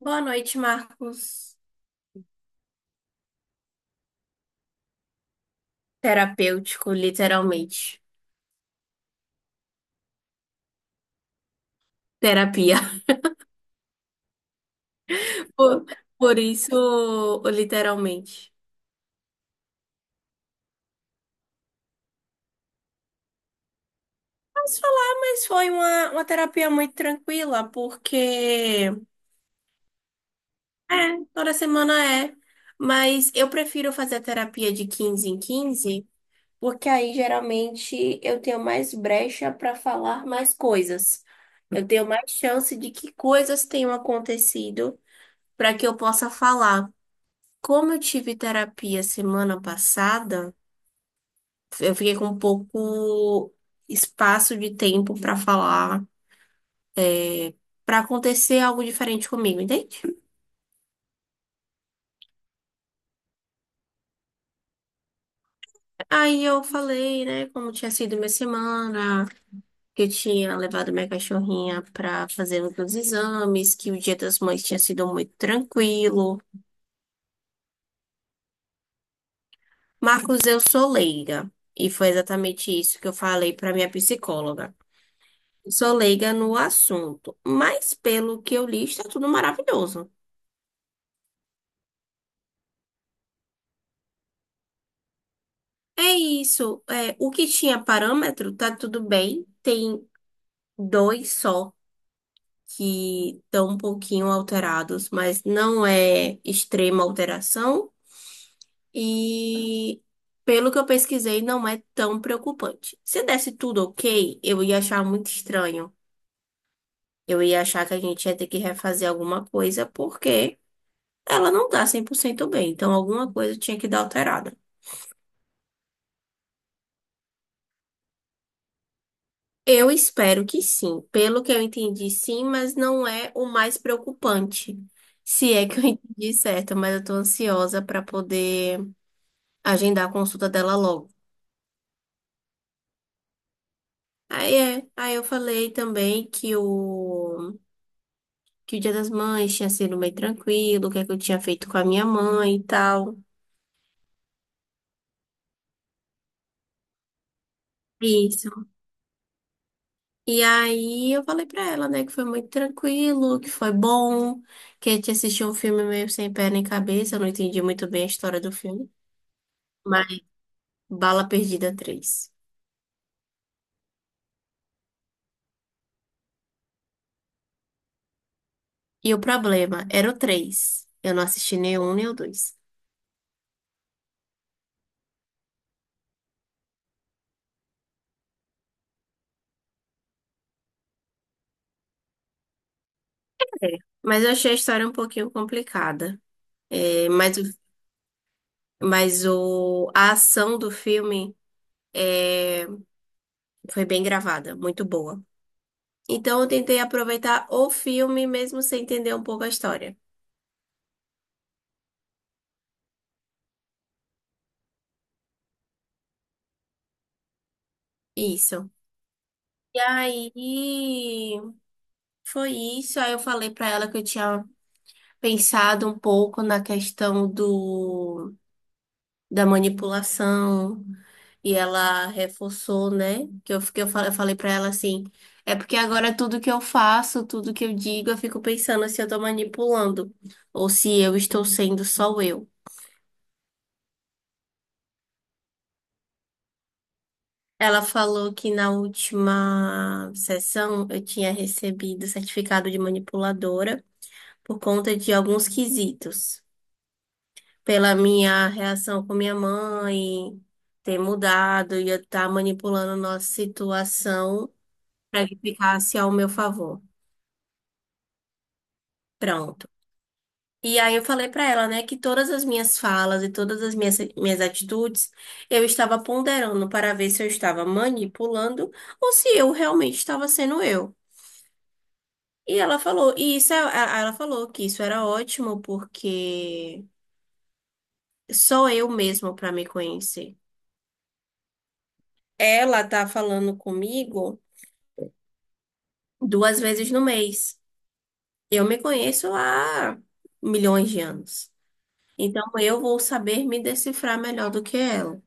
Boa noite, Marcos. Terapêutico, literalmente. Terapia. Por, por isso, literalmente. Posso falar, mas foi uma terapia muito tranquila, porque é, toda semana é. Mas eu prefiro fazer a terapia de 15 em 15, porque aí geralmente eu tenho mais brecha para falar mais coisas. Eu tenho mais chance de que coisas tenham acontecido para que eu possa falar. Como eu tive terapia semana passada, eu fiquei com pouco espaço de tempo pra falar, pra acontecer algo diferente comigo, entende? Aí eu falei, né, como tinha sido minha semana, que eu tinha levado minha cachorrinha pra fazer os meus exames, que o Dia das Mães tinha sido muito tranquilo. Marcos, eu sou leiga, e foi exatamente isso que eu falei pra minha psicóloga. Sou leiga no assunto, mas pelo que eu li, está tudo maravilhoso. É isso. É, o que tinha parâmetro tá tudo bem. Tem dois só que estão um pouquinho alterados, mas não é extrema alteração. E pelo que eu pesquisei, não é tão preocupante. Se desse tudo ok, eu ia achar muito estranho. Eu ia achar que a gente ia ter que refazer alguma coisa, porque ela não tá 100% bem. Então, alguma coisa tinha que dar alterada. Eu espero que sim. Pelo que eu entendi, sim, mas não é o mais preocupante. Se é que eu entendi certo, mas eu tô ansiosa para poder agendar a consulta dela logo. Aí eu falei também que o Dia das Mães tinha sido meio tranquilo, o que é que eu tinha feito com a minha mãe e tal. Isso. E aí eu falei pra ela, né, que foi muito tranquilo, que foi bom, que a gente assistiu um filme meio sem pé nem cabeça, eu não entendi muito bem a história do filme. Bala Perdida três. E o problema era o 3. Eu não assisti nem o um nem o dois. É, mas eu achei a história um pouquinho complicada. É, mas a ação do filme é, foi bem gravada, muito boa. Então eu tentei aproveitar o filme mesmo sem entender um pouco a história. Isso. E aí foi isso. Aí eu falei pra ela que eu tinha pensado um pouco na questão do da manipulação. E ela reforçou, né? Eu falei pra ela assim: é porque agora tudo que eu faço, tudo que eu digo, eu fico pensando se eu tô manipulando ou se eu estou sendo só eu. Ela falou que na última sessão eu tinha recebido certificado de manipuladora por conta de alguns quesitos, pela minha reação com minha mãe ter mudado e eu estar manipulando nossa situação para que ficasse ao meu favor. Pronto. E aí eu falei pra ela, né, que todas as minhas falas e todas as minhas atitudes eu estava ponderando para ver se eu estava manipulando ou se eu realmente estava sendo eu. E ela falou, ela falou que isso era ótimo porque sou eu mesma para me conhecer. Ela tá falando comigo duas vezes no mês. Eu me conheço há milhões de anos. Então eu vou saber me decifrar melhor do que ela.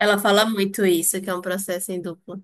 Ela fala muito isso, que é um processo em dupla.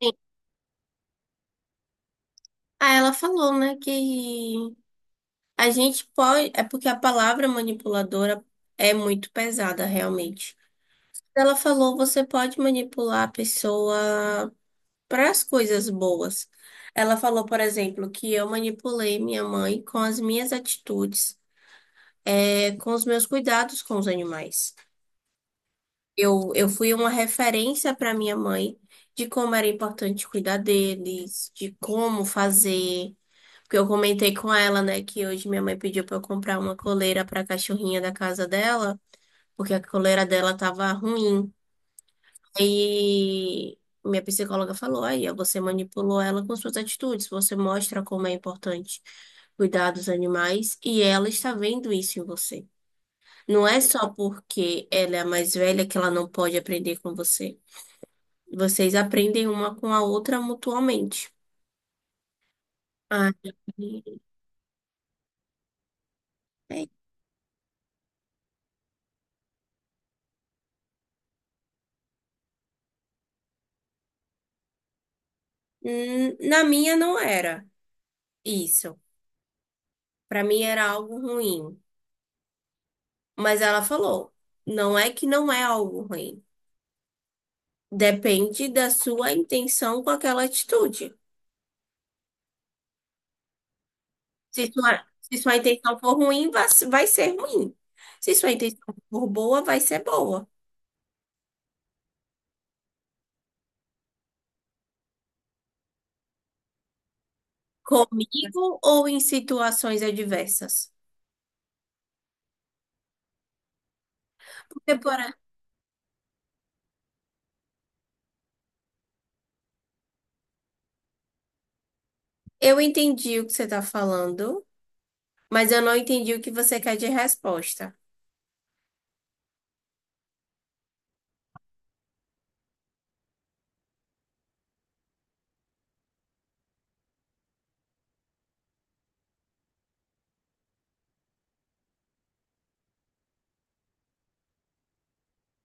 Sim. Ah, ela falou, né, que a gente pode. É porque a palavra manipuladora é muito pesada, realmente. Ela falou, você pode manipular a pessoa para as coisas boas. Ela falou, por exemplo, que eu manipulei minha mãe com as minhas atitudes, é, com os meus cuidados com os animais. Eu fui uma referência para minha mãe de como era importante cuidar deles, de como fazer. Porque eu comentei com ela, né, que hoje minha mãe pediu para eu comprar uma coleira para a cachorrinha da casa dela, porque a coleira dela tava ruim. E minha psicóloga falou: aí, ó, você manipulou ela com suas atitudes, você mostra como é importante cuidar dos animais e ela está vendo isso em você. Não é só porque ela é a mais velha que ela não pode aprender com você. Vocês aprendem uma com a outra mutuamente. Ah, é. Na minha não era isso. Pra mim era algo ruim. Mas ela falou, não é que não é algo ruim. Depende da sua intenção com aquela atitude. Se sua intenção for ruim, vai ser ruim. Se sua intenção for boa, vai ser boa. Comigo ou em situações adversas? Porque, por- eu entendi o que você está falando. Mas eu não entendi o que você quer de resposta.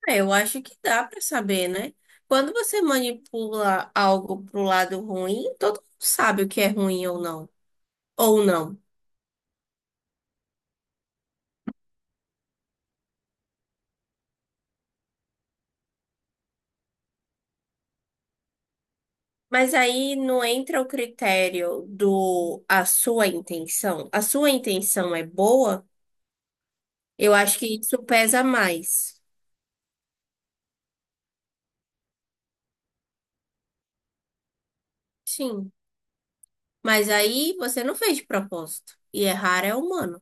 Ah, eu acho que dá para saber, né? Quando você manipula algo pro lado ruim, todo mundo sabe o que é ruim ou não. Ou não. Mas aí não entra o critério do a sua intenção. A sua intenção é boa? Eu acho que isso pesa mais. Sim. Mas aí você não fez de propósito. E errar é humano.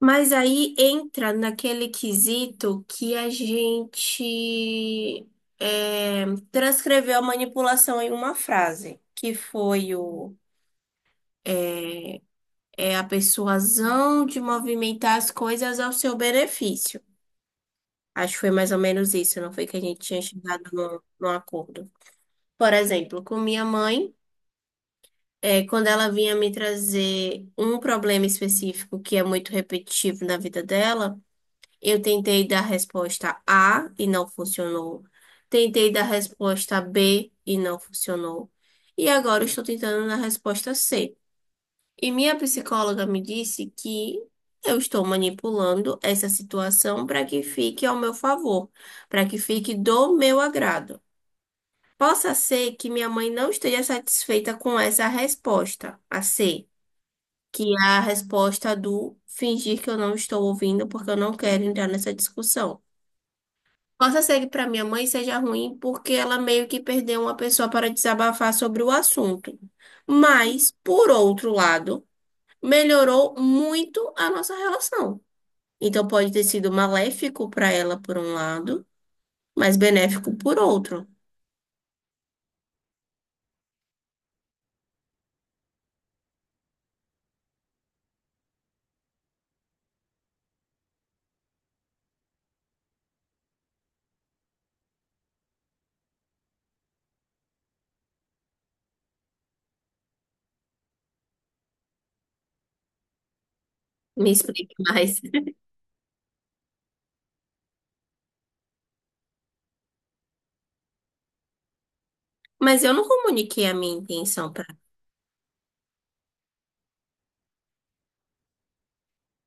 Mas aí entra naquele quesito que a gente é, transcreveu a manipulação em uma frase, que foi eh, é a persuasão de movimentar as coisas ao seu benefício. Acho que foi mais ou menos isso, não foi que a gente tinha chegado num acordo. Por exemplo, com minha mãe, é, quando ela vinha me trazer um problema específico que é muito repetitivo na vida dela. Eu tentei dar resposta A e não funcionou. Tentei dar resposta B e não funcionou. E agora eu estou tentando na resposta C. E minha psicóloga me disse que eu estou manipulando essa situação para que fique ao meu favor, para que fique do meu agrado. Possa ser que minha mãe não esteja satisfeita com essa resposta, a C, que é a resposta do fingir que eu não estou ouvindo porque eu não quero entrar nessa discussão. Possa ser que para minha mãe seja ruim, porque ela meio que perdeu uma pessoa para desabafar sobre o assunto. Mas, por outro lado, melhorou muito a nossa relação. Então, pode ter sido maléfico para ela por um lado, mas benéfico por outro. Me explique mais. Mas eu não comuniquei a minha intenção para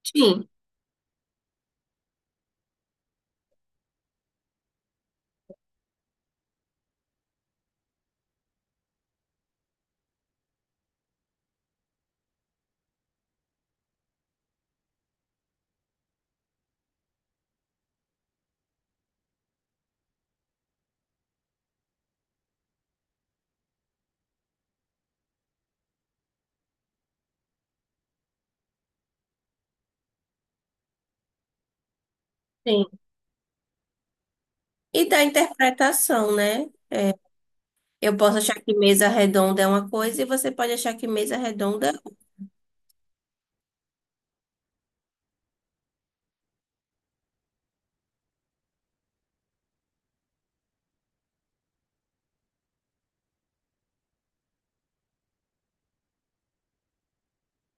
sim, sim. E da interpretação, né? É, eu posso achar que mesa redonda é uma coisa e você pode achar que mesa redonda.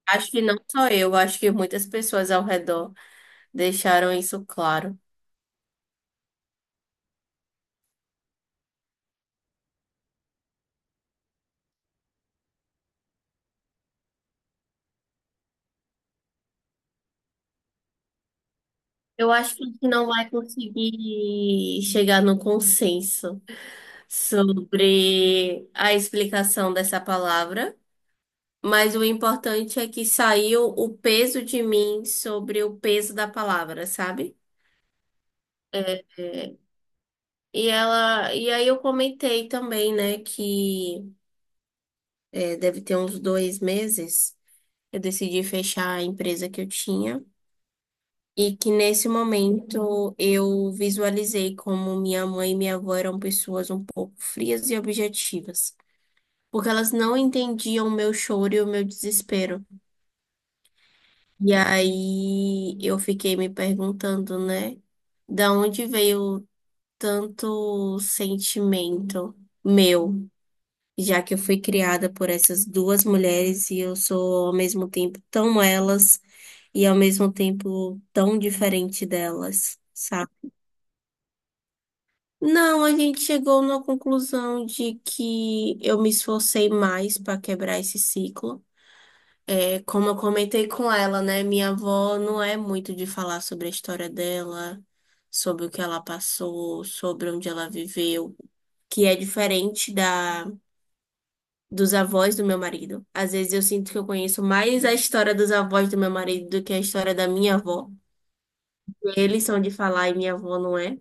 Acho que não só eu, acho que muitas pessoas ao redor deixaram isso claro. Eu acho que a gente não vai conseguir chegar no consenso sobre a explicação dessa palavra. Mas o importante é que saiu o peso de mim sobre o peso da palavra, sabe? É, é, e ela, e aí eu comentei também, né, que é, deve ter uns dois meses, eu decidi fechar a empresa que eu tinha e que nesse momento eu visualizei como minha mãe e minha avó eram pessoas um pouco frias e objetivas, porque elas não entendiam o meu choro e o meu desespero. E aí eu fiquei me perguntando, né? Da onde veio tanto sentimento meu, já que eu fui criada por essas duas mulheres e eu sou ao mesmo tempo tão elas e ao mesmo tempo tão diferente delas, sabe? Não, a gente chegou na conclusão de que eu me esforcei mais para quebrar esse ciclo. É, como eu comentei com ela, né? Minha avó não é muito de falar sobre a história dela, sobre o que ela passou, sobre onde ela viveu, que é diferente da dos avós do meu marido. Às vezes eu sinto que eu conheço mais a história dos avós do meu marido do que a história da minha avó. Eles são de falar e minha avó não é.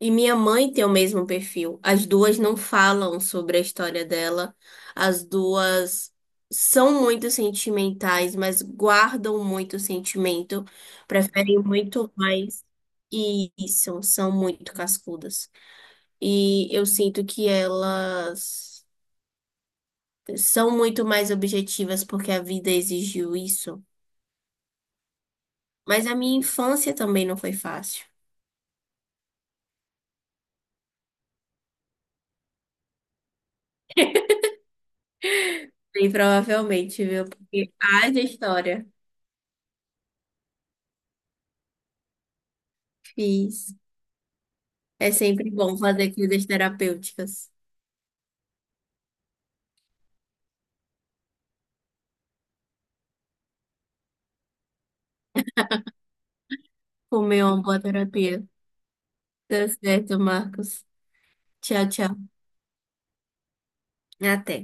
E minha mãe tem o mesmo perfil. As duas não falam sobre a história dela. As duas são muito sentimentais, mas guardam muito sentimento. Preferem muito mais. E isso, são muito cascudas. E eu sinto que elas são muito mais objetivas porque a vida exigiu isso. Mas a minha infância também não foi fácil. Bem, provavelmente, viu? Porque haja história. Fiz. É sempre bom fazer coisas terapêuticas. Comer uma boa terapia. Tá certo, Marcos. Tchau, tchau. Até.